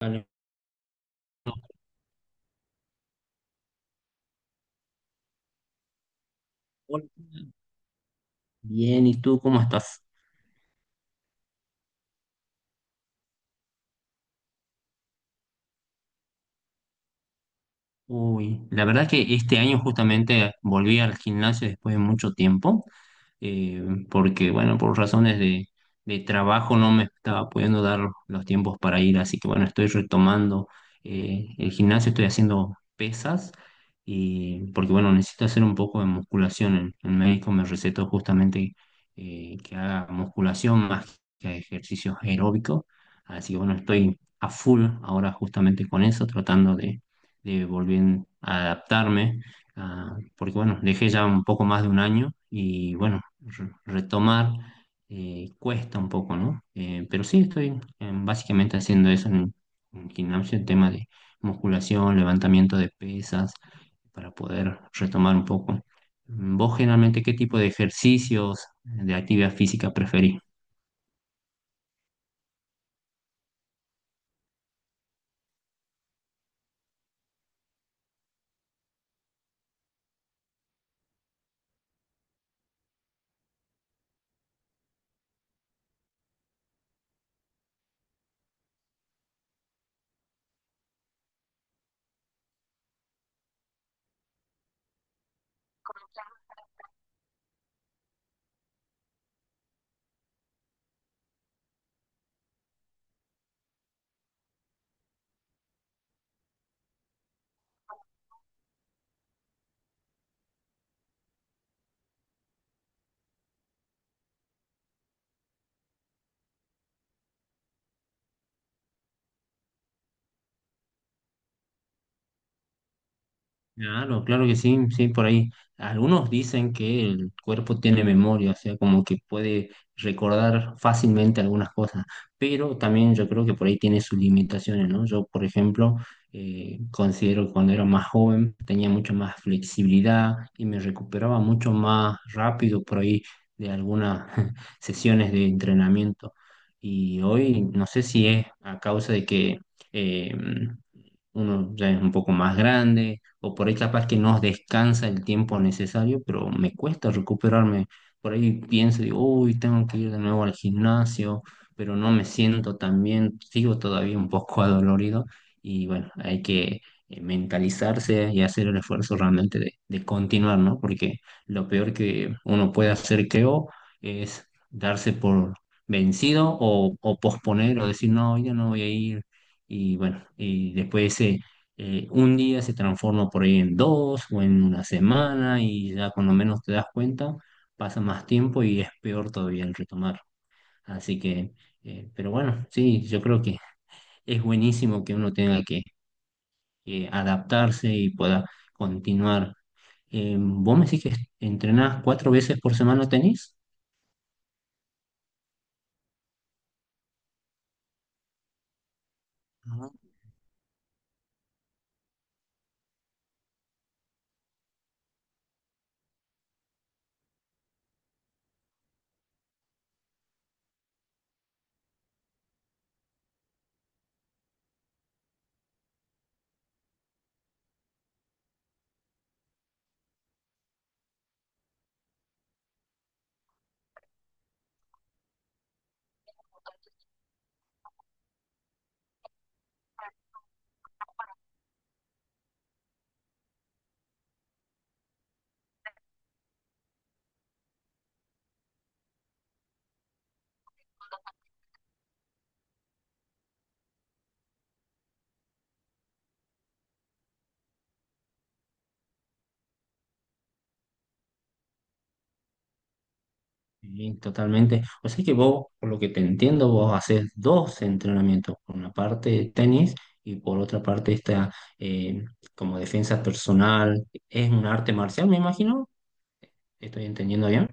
Vale. Hola, bien, ¿y tú cómo estás? Uy, la verdad que este año justamente volví al gimnasio después de mucho tiempo, eh, porque bueno, por razones de trabajo no me estaba pudiendo dar los tiempos para ir, así que bueno, estoy retomando el gimnasio, estoy haciendo pesas, y, porque bueno, necesito hacer un poco de musculación. El médico me recetó justamente que haga musculación más que ejercicios aeróbicos, así que bueno, estoy a full ahora justamente con eso, tratando de volví a adaptarme, porque bueno, dejé ya un poco más de un año y bueno, retomar cuesta un poco, ¿no? Pero sí estoy básicamente haciendo eso en gimnasio, el tema de musculación, levantamiento de pesas, para poder retomar un poco. ¿Vos generalmente qué tipo de ejercicios, de actividad física preferís? Claro, claro que sí, sí, por ahí. Algunos dicen que el cuerpo tiene memoria, o sea, como que puede recordar fácilmente algunas cosas, pero también yo creo que por ahí tiene sus limitaciones, ¿no? Yo, por ejemplo, considero que cuando era más joven tenía mucho más flexibilidad y me recuperaba mucho más rápido por ahí de algunas sesiones de entrenamiento. Y hoy no sé si es a causa de que eh, uno ya es un poco más grande o por ahí capaz que no descansa el tiempo necesario, pero me cuesta recuperarme. Por ahí pienso, digo, uy, tengo que ir de nuevo al gimnasio, pero no me siento tan bien, sigo todavía un poco adolorido y bueno, hay que mentalizarse y hacer el esfuerzo realmente de continuar, ¿no? Porque lo peor que uno puede hacer, creo, es darse por vencido o posponer o decir, no, ya no voy a ir. Y bueno, y después ese un día se transforma por ahí en dos o en una semana y ya cuando menos te das cuenta pasa más tiempo y es peor todavía el retomar. Así que, pero bueno, sí, yo creo que es buenísimo que uno tenga que adaptarse y pueda continuar. ¿Vos me decís que entrenás cuatro veces por semana tenis? Sí, totalmente. O sea que vos, por lo que te entiendo, vos haces dos entrenamientos, por una parte tenis y por otra parte esta como defensa personal. Es un arte marcial, me imagino. ¿Estoy entendiendo bien?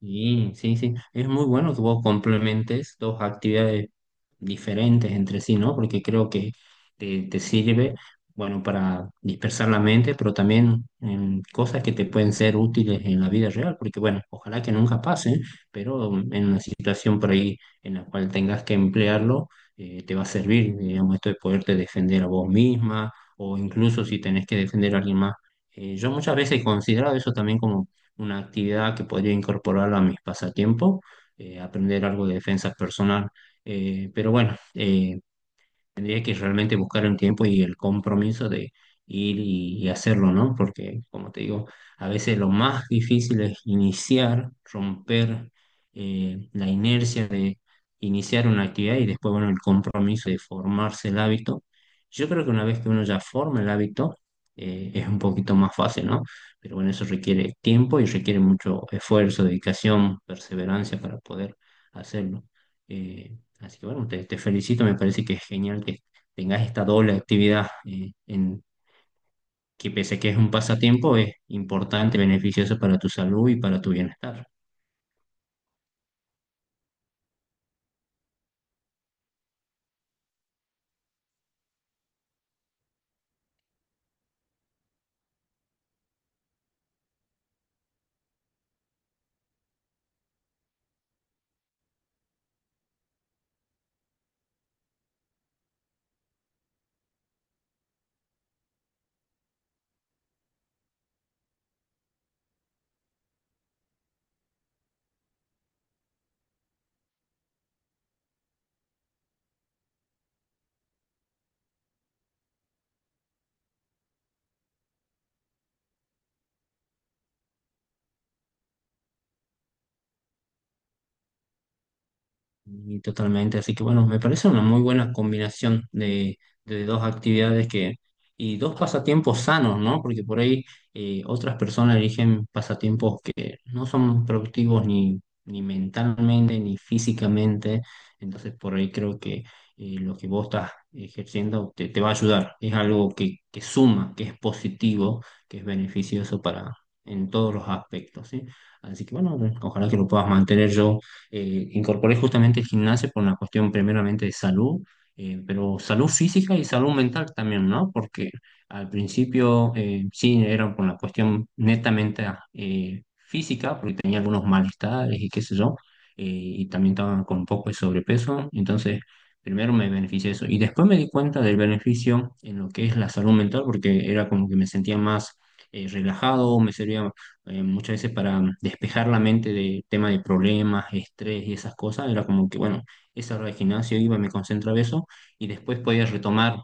Sí, sí, sí. Es muy bueno que vos complementes dos actividades diferentes entre sí, ¿no? Porque creo que te sirve, bueno, para dispersar la mente, pero también en cosas que te pueden ser útiles en la vida real, porque bueno, ojalá que nunca pasen, pero en una situación por ahí en la cual tengas que emplearlo, te va a servir, digamos, esto de poderte defender a vos misma o incluso si tenés que defender a alguien más. Yo muchas veces he considerado eso también como una actividad que podría incorporar a mis pasatiempos, aprender algo de defensa personal. Pero bueno, tendría que realmente buscar un tiempo y el compromiso de ir y hacerlo, ¿no? Porque, como te digo, a veces lo más difícil es iniciar, romper la inercia de iniciar una actividad y después, bueno, el compromiso de formarse el hábito. Yo creo que una vez que uno ya forma el hábito, es un poquito más fácil, ¿no? Pero bueno, eso requiere tiempo y requiere mucho esfuerzo, dedicación, perseverancia para poder hacerlo. Eh, Así que bueno, te felicito, me parece que es genial que tengas esta doble actividad, que pese que es un pasatiempo, es importante, beneficioso para tu salud y para tu bienestar. Y totalmente, así que bueno, me parece una muy buena combinación de dos actividades que, y dos pasatiempos sanos, ¿no? Porque por ahí otras personas eligen pasatiempos que no son productivos ni mentalmente ni físicamente, entonces por ahí creo que lo que vos estás ejerciendo te va a ayudar, es algo que suma, que es positivo, que es beneficioso para en todos los aspectos, ¿sí? Así que bueno, ojalá que lo puedas mantener yo incorporé justamente el gimnasio por una cuestión primeramente de salud, pero salud física y salud mental también, ¿no? Porque al principio sí era por la cuestión netamente física, porque tenía algunos malestares y qué sé yo, y también estaba con un poco de sobrepeso, entonces primero me beneficié de eso y después me di cuenta del beneficio en lo que es la salud mental, porque era como que me sentía más relajado, me servía muchas veces para despejar la mente de temas de problemas, estrés y esas cosas, era como que, bueno, esa hora de gimnasio iba, me concentraba eso y después podía retomar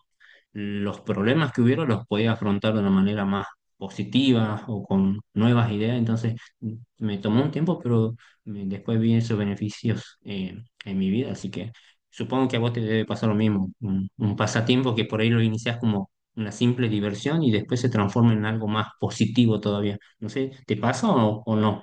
los problemas que hubiera, los podía afrontar de una manera más positiva o con nuevas ideas. Entonces, me tomó un tiempo, pero después vi esos beneficios en mi vida, así que supongo que a vos te debe pasar lo mismo, un pasatiempo que por ahí lo iniciás como una simple diversión y después se transforma en algo más positivo todavía. No sé, ¿te pasa o no?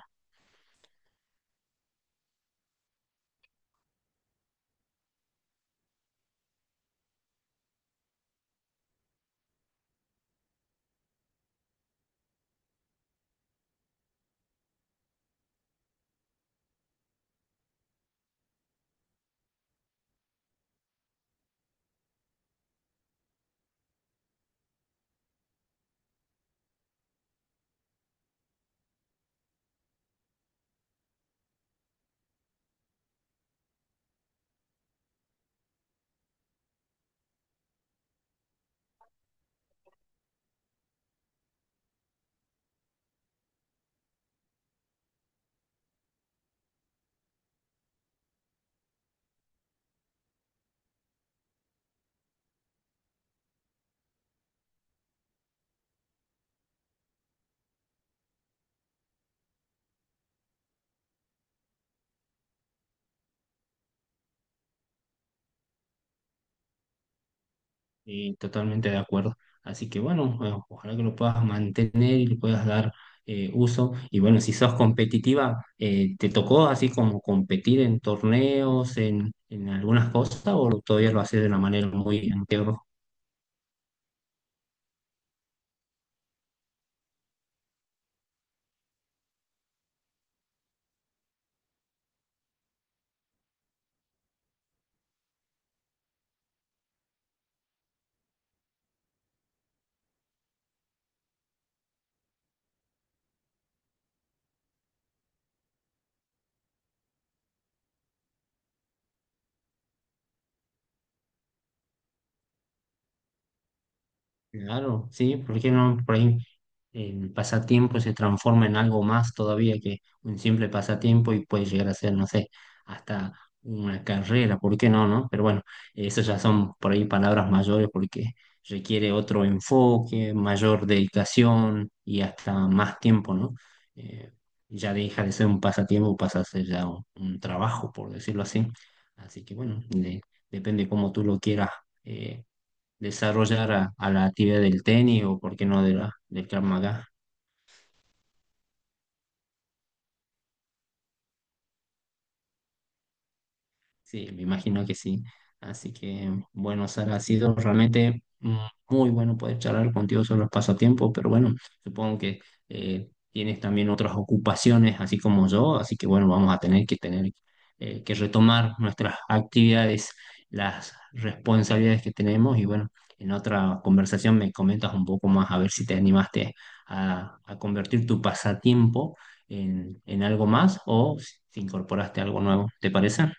Y totalmente de acuerdo. Así que bueno, ojalá que lo puedas mantener y le puedas dar uso. Y bueno, si sos competitiva, ¿te tocó así como competir en torneos, en algunas cosas, o todavía lo haces de una manera muy amateur? Claro, sí, ¿por qué no? Por ahí el pasatiempo se transforma en algo más todavía que un simple pasatiempo y puede llegar a ser, no sé, hasta una carrera, ¿por qué no, no? Pero bueno, eso ya son por ahí palabras mayores porque requiere otro enfoque, mayor dedicación y hasta más tiempo, ¿no? Eh, ya deja de ser un pasatiempo, pasa a ser ya un trabajo, por decirlo así. Así que bueno, depende cómo tú lo quieras eh, desarrollar a la actividad del tenis o, por qué no, de del Krav Maga. Sí, me imagino que sí. Así que, bueno, Sara, ha sido realmente muy bueno poder charlar contigo sobre los pasatiempos, pero bueno, supongo que tienes también otras ocupaciones, así como yo, así que bueno, vamos a tener que retomar nuestras actividades, las responsabilidades que tenemos y bueno, en otra conversación me comentas un poco más a ver si te animaste a convertir tu pasatiempo en algo más o si incorporaste algo nuevo, ¿te parece?